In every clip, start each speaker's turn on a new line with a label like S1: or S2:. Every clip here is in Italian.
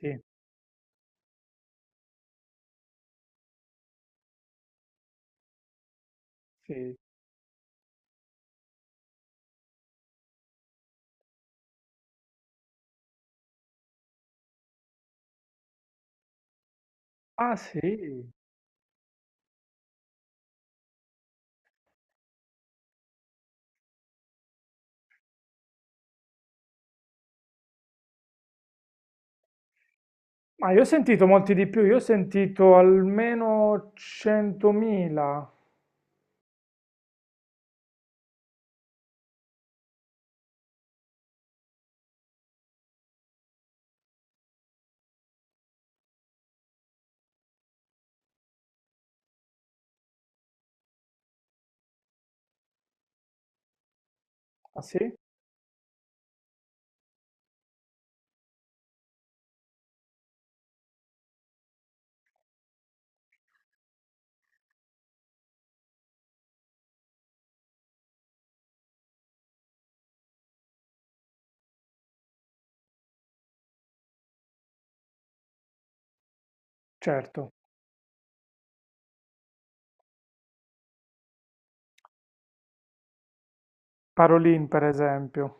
S1: Sì, sì. Ah sì, ma io ho sentito molti di più, io ho sentito almeno 100.000. Ah sì? Certo, Parolin per esempio.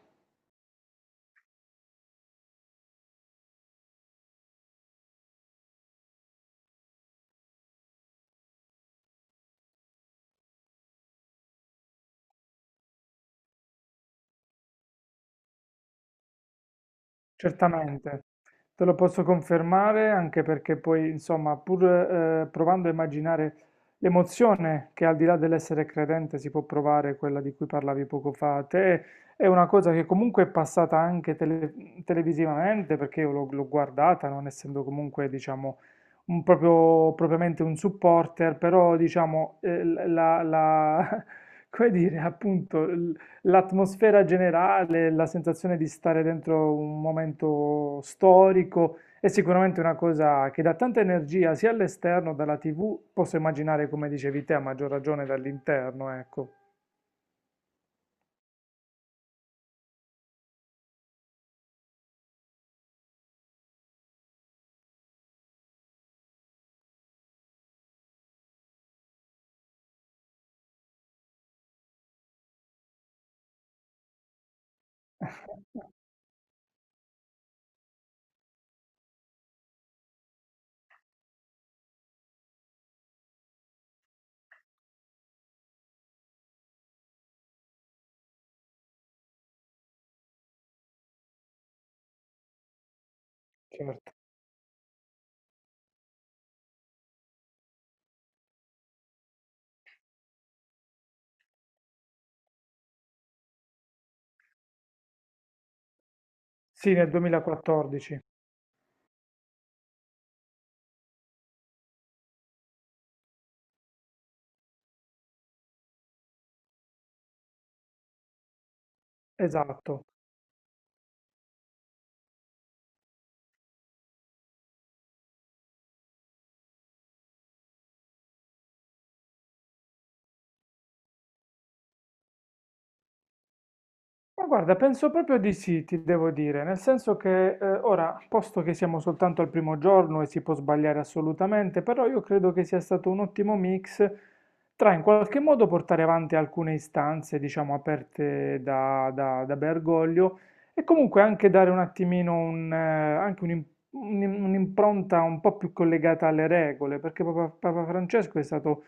S1: Certamente, te lo posso confermare anche perché poi, insomma, pur provando a immaginare l'emozione che al di là dell'essere credente si può provare, quella di cui parlavi poco fa, te è una cosa che comunque è passata anche televisivamente perché io l'ho guardata, non essendo comunque, diciamo, propriamente un supporter, però, diciamo, come dire, appunto l'atmosfera generale, la sensazione di stare dentro un momento storico è sicuramente una cosa che dà tanta energia sia all'esterno, dalla TV, posso immaginare come dicevi te, a maggior ragione dall'interno, ecco. Certo. Sì, nel 2014, esatto. Ma guarda, penso proprio di sì, ti devo dire, nel senso che ora, posto che siamo soltanto al primo giorno e si può sbagliare assolutamente, però io credo che sia stato un ottimo mix tra in qualche modo portare avanti alcune istanze, diciamo, aperte da Bergoglio e comunque anche dare un attimino anche un'impronta un po' più collegata alle regole, perché Papa Francesco è stato,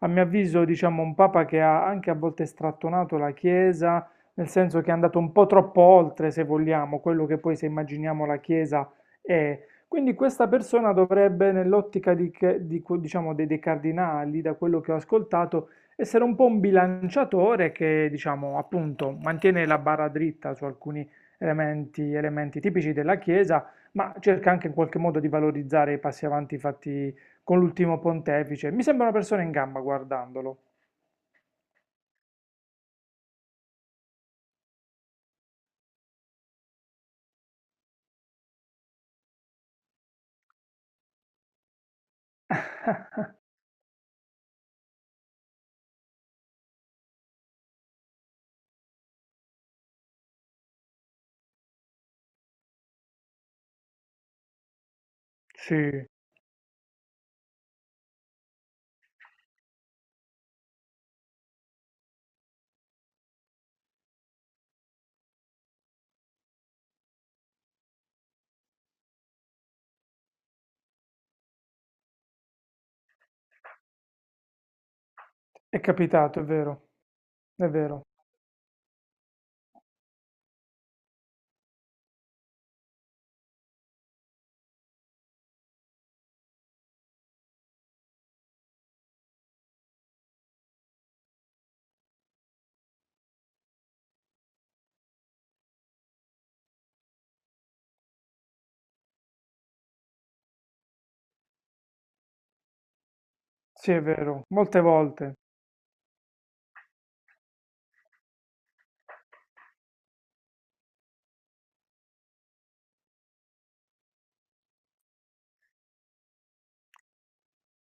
S1: a mio avviso, diciamo, un papa che ha anche a volte strattonato la Chiesa nel senso che è andato un po' troppo oltre, se vogliamo, quello che poi se immaginiamo la Chiesa è. Quindi questa persona dovrebbe, nell'ottica di che- di que- diciamo, dei cardinali, da quello che ho ascoltato, essere un po' un bilanciatore che, diciamo, appunto, mantiene la barra dritta su alcuni elementi tipici della Chiesa, ma cerca anche in qualche modo di valorizzare i passi avanti fatti con l'ultimo pontefice. Mi sembra una persona in gamba guardandolo. Sì, è capitato, è vero, è vero. Sì, è vero, molte volte.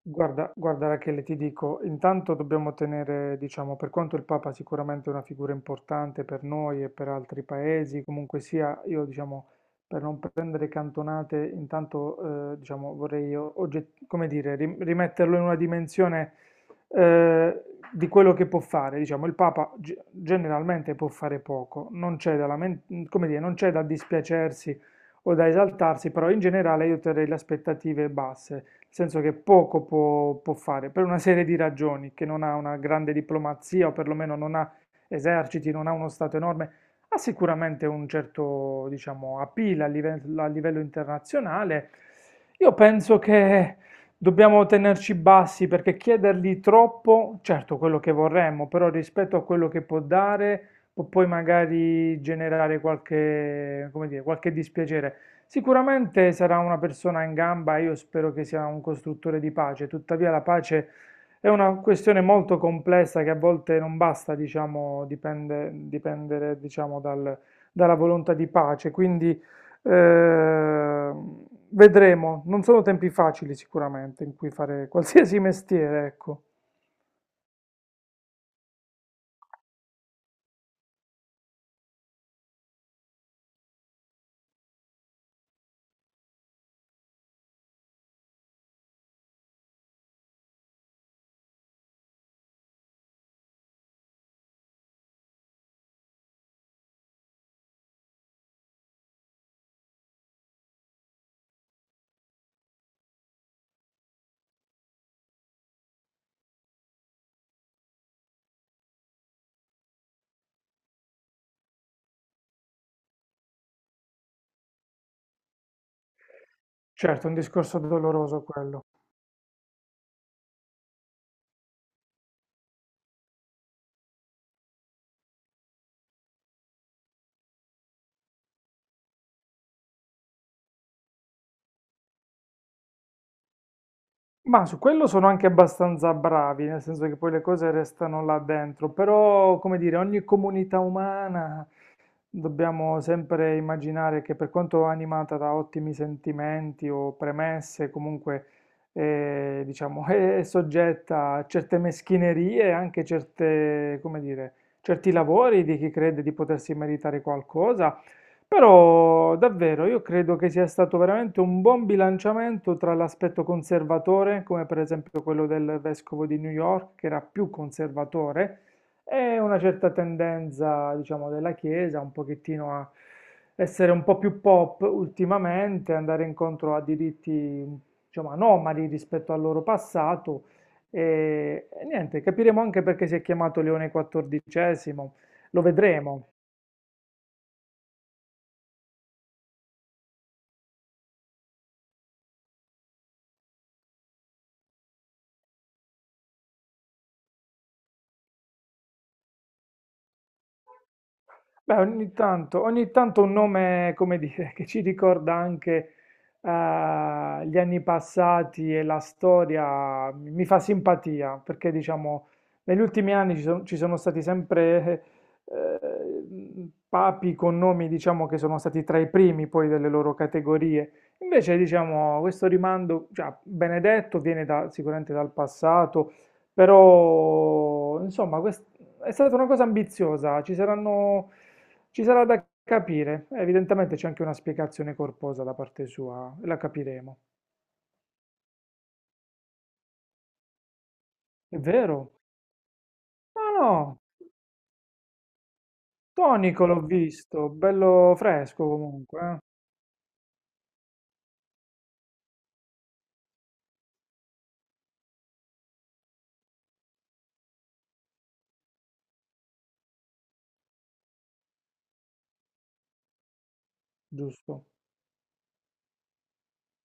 S1: Guarda, guarda Rachele, ti dico, intanto dobbiamo tenere, diciamo, per quanto il Papa sicuramente è una figura importante per noi e per altri paesi, comunque sia, io diciamo, per non prendere cantonate, intanto, diciamo, vorrei, come dire, rimetterlo in una dimensione, eh, di quello che può fare. Diciamo, il Papa generalmente può fare poco, non c'è da come dire, non c'è da dispiacersi o da esaltarsi, però in generale io terrei le aspettative basse, nel senso che poco può fare per una serie di ragioni, che non ha una grande diplomazia o perlomeno non ha eserciti, non ha uno stato enorme, ha sicuramente un certo, diciamo, appeal a livello internazionale. Io penso che dobbiamo tenerci bassi perché chiedergli troppo, certo quello che vorremmo, però rispetto a quello che può dare, può poi magari generare qualche, come dire, qualche dispiacere. Sicuramente sarà una persona in gamba e io spero che sia un costruttore di pace, tuttavia la pace è una questione molto complessa che a volte non basta, diciamo, dipendere, diciamo, dalla volontà di pace, quindi eh, vedremo, non sono tempi facili sicuramente in cui fare qualsiasi mestiere, ecco. Certo, è un discorso doloroso quello. Ma su quello sono anche abbastanza bravi, nel senso che poi le cose restano là dentro, però come dire, ogni comunità umana. Dobbiamo sempre immaginare che per quanto animata da ottimi sentimenti o premesse, comunque diciamo, è soggetta a certe meschinerie, anche certe, come dire, certi lavori di chi crede di potersi meritare qualcosa. Però davvero io credo che sia stato veramente un buon bilanciamento tra l'aspetto conservatore, come per esempio quello del vescovo di New York, che era più conservatore, e una certa tendenza, diciamo, della Chiesa un pochettino a essere un po' più pop ultimamente, andare incontro a diritti, diciamo, anomali rispetto al loro passato. E niente, capiremo anche perché si è chiamato Leone XIV, lo vedremo. Beh, ogni tanto un nome, come dire, che ci ricorda anche eh, gli anni passati e la storia, mi fa simpatia, perché diciamo, negli ultimi anni ci sono stati sempre papi con nomi, diciamo, che sono stati tra i primi poi delle loro categorie. Invece, diciamo, questo rimando, cioè, Benedetto viene sicuramente dal passato, però, insomma, è stata una cosa ambiziosa, ci saranno. Ci sarà da capire, evidentemente c'è anche una spiegazione corposa da parte sua, e la capiremo. È vero? No, no, tonico l'ho visto, bello fresco comunque, eh? Giusto.